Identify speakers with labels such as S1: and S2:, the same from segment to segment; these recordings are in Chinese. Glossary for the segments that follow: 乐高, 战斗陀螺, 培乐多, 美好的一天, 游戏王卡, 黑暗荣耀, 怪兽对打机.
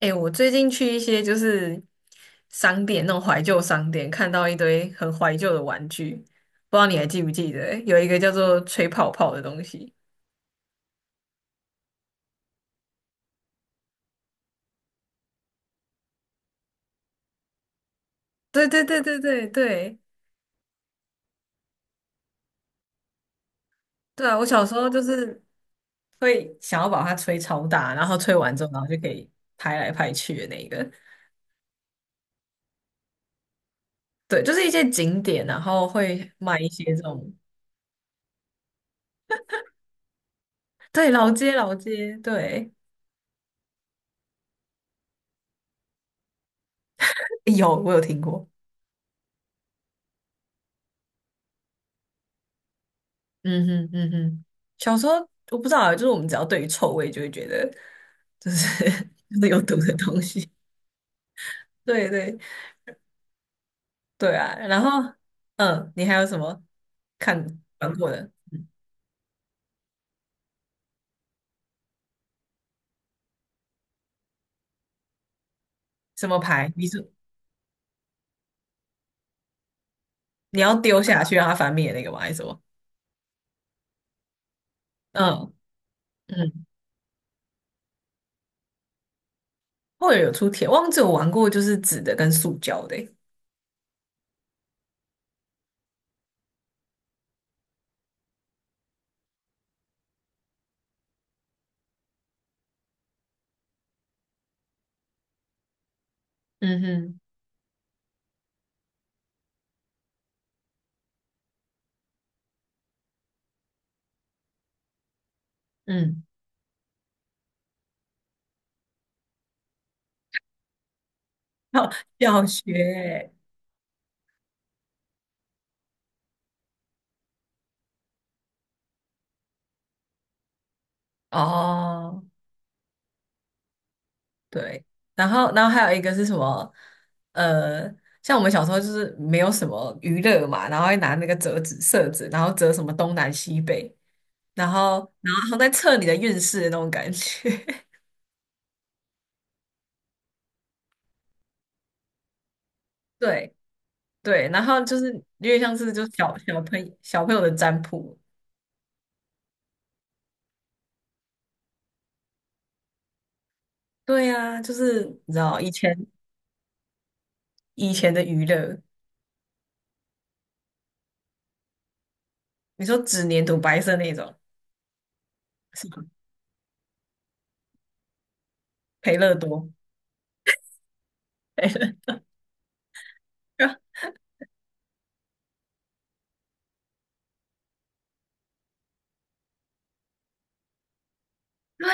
S1: 哎、我最近去一些就是商店，那种怀旧商店，看到一堆很怀旧的玩具，不知道你还记不记得？有一个叫做吹泡泡的东西。对对对对对对。对啊！我小时候就是会想要把它吹超大，然后吹完之后，然后就可以拍来拍去的那个。对，就是一些景点，然后会卖一些这种。对，老街老街，对，有，我有听过。嗯哼嗯哼，小时候我不知道，啊，就是我们只要对于臭味就会觉得，就是 就是有毒的东西。对对。对啊，然后嗯，你还有什么看玩过的什么牌？你是你要丢下去让它翻面的那个吗？还是什么？嗯嗯，或者有出铁，忘记我玩过就是纸的跟塑胶的欸。嗯哼嗯，要要学欸。哦。对，然后还有一个是什么？呃，像我们小时候就是没有什么娱乐嘛，然后会拿那个折纸、色纸，然后折什么东南西北，然后还在测你的运势的那种感觉。对对，然后就是有点像是就小朋友的占卜。对啊，就是你知道以前以前的娱乐，你说纸黏土白色那种是吗？培乐多，培乐 对，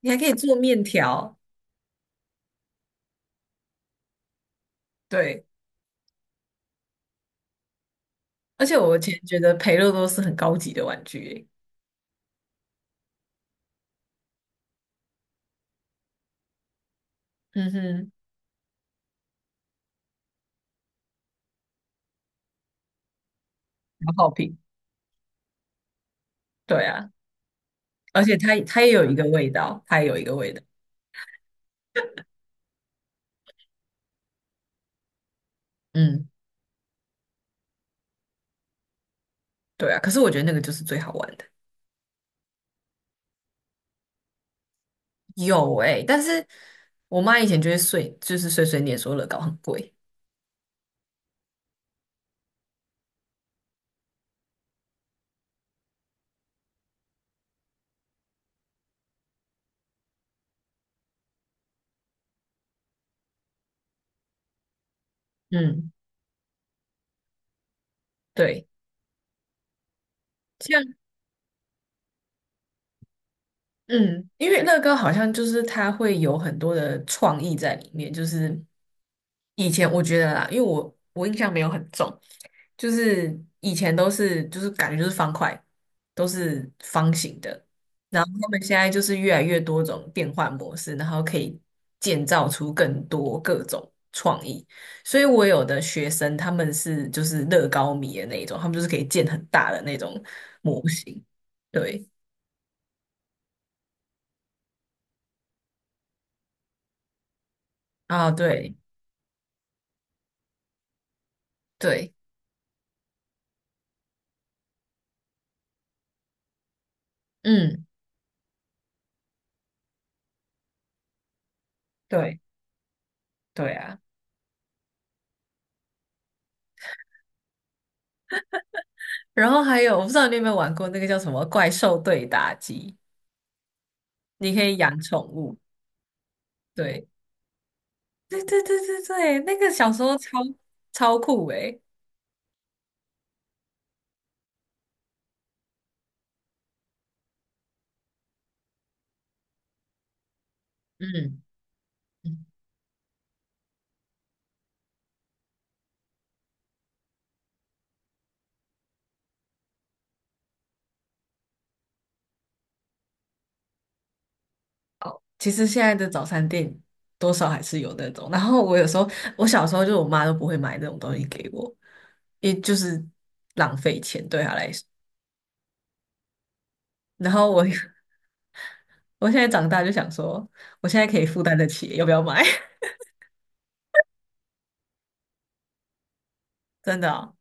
S1: 你还可以做面条。对，而且我以前觉得培乐多是很高级的玩具耶。嗯哼，消耗品，对啊，而且它也有一个味道，它也有一个味道，嗯，对啊，可是我觉得那个就是最好玩的，有诶、但是我妈以前就会碎，就是碎碎念说乐高很贵，嗯，对。嗯，因为乐高好像就是它会有很多的创意在里面，就是以前我觉得啦，因为我印象没有很重，就是以前都是就是感觉就是方块，都是方形的，然后他们现在就是越来越多种变换模式，然后可以建造出更多各种创意，所以我有的学生他们是就是乐高迷的那一种，他们就是可以建很大的那种模型，对啊，对对。嗯，对对啊，然后还有我不知道你有没有玩过那个叫什么怪兽对打机，你可以养宠物。对，对对对对对，那个小时候超超酷诶、嗯，嗯其实现在的早餐店多少还是有那种。然后我有时候，我小时候就我妈都不会买那种东西给我，也就是浪费钱对她来说。然后我 我现在长大就想说，我现在可以负担得起，要不要买？真的哦。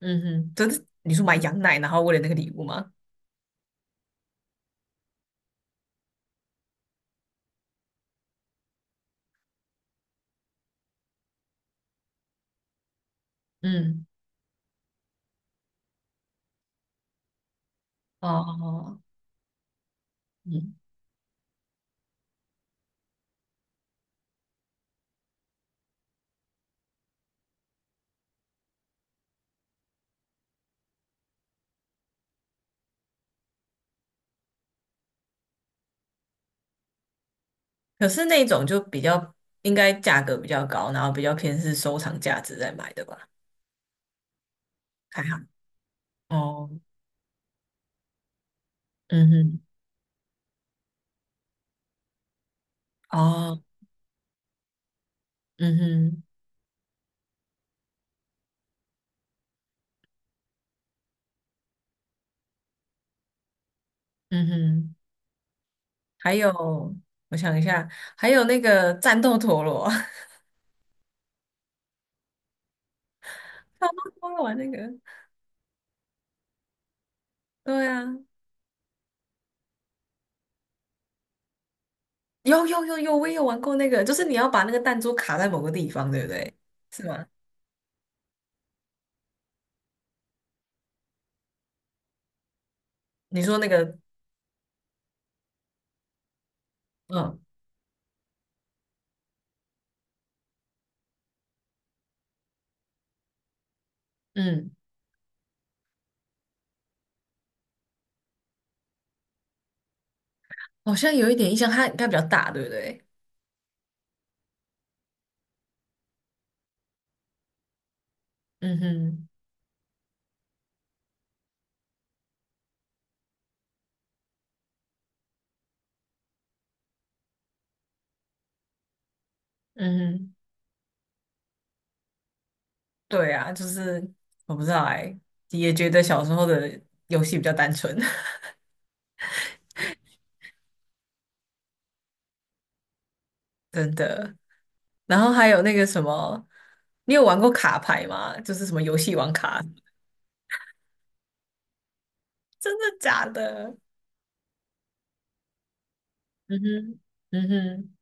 S1: 嗯哼，真是你说买羊奶，然后为了那个礼物吗？嗯，哦，嗯，可是那种就比较应该价格比较高，然后比较偏是收藏价值在买的吧？还好。哦，嗯哼，哦，嗯哼，嗯哼，还有，我想一下，还有那个战斗陀螺，超多玩那个。对啊，有有有有，我也有玩过那个，就是你要把那个弹珠卡在某个地方，对不对？是吗？你说那个，嗯，嗯。好像有一点印象，它比较大，对不对？嗯哼，嗯哼，对啊，就是我不知道哎、也觉得小时候的游戏比较单纯，真的。然后还有那个什么，你有玩过卡牌吗？就是什么游戏王卡，真的假的？嗯哼，嗯哼，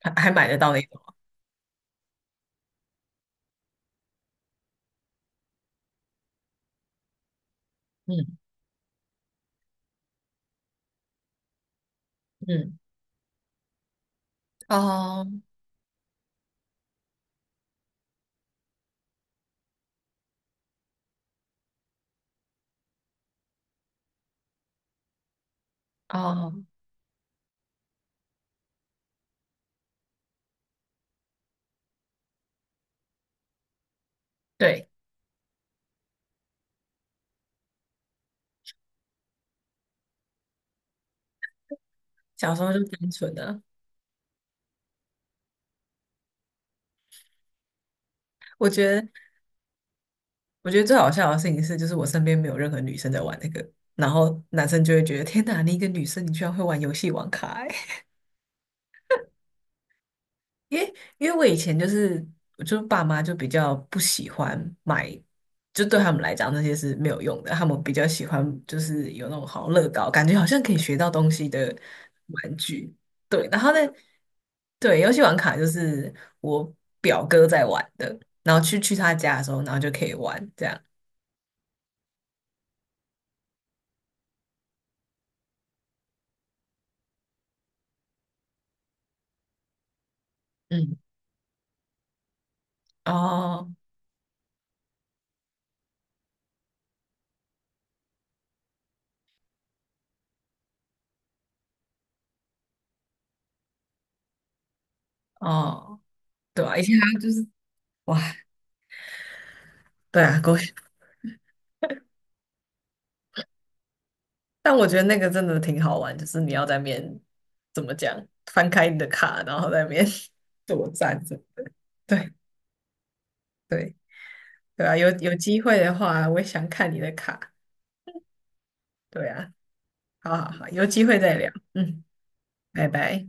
S1: 还买得到那种，嗯嗯，哦哦，对，小时候就单纯的，我觉得。我觉得最好笑的事情是，就是我身边没有任何女生在玩那个，然后男生就会觉得天哪，你一个女生你居然会玩游戏王卡欸、因为我以前就是，我就爸妈就比较不喜欢买，就对他们来讲那些是没有用的，他们比较喜欢就是有那种好像乐高，感觉好像可以学到东西的玩具。对，然后呢，对，游戏王卡就是我表哥在玩的，然后去他家的时候，然后就可以玩这样。嗯，哦哦。对啊，以前还就是哇，对啊，过。血。但我觉得那个真的挺好玩，就是你要在面，怎么讲，翻开你的卡，然后在面 边作战着。对对对啊，有有机会的话，我也想看你的卡。对啊，好好好，有机会再聊。嗯，拜拜。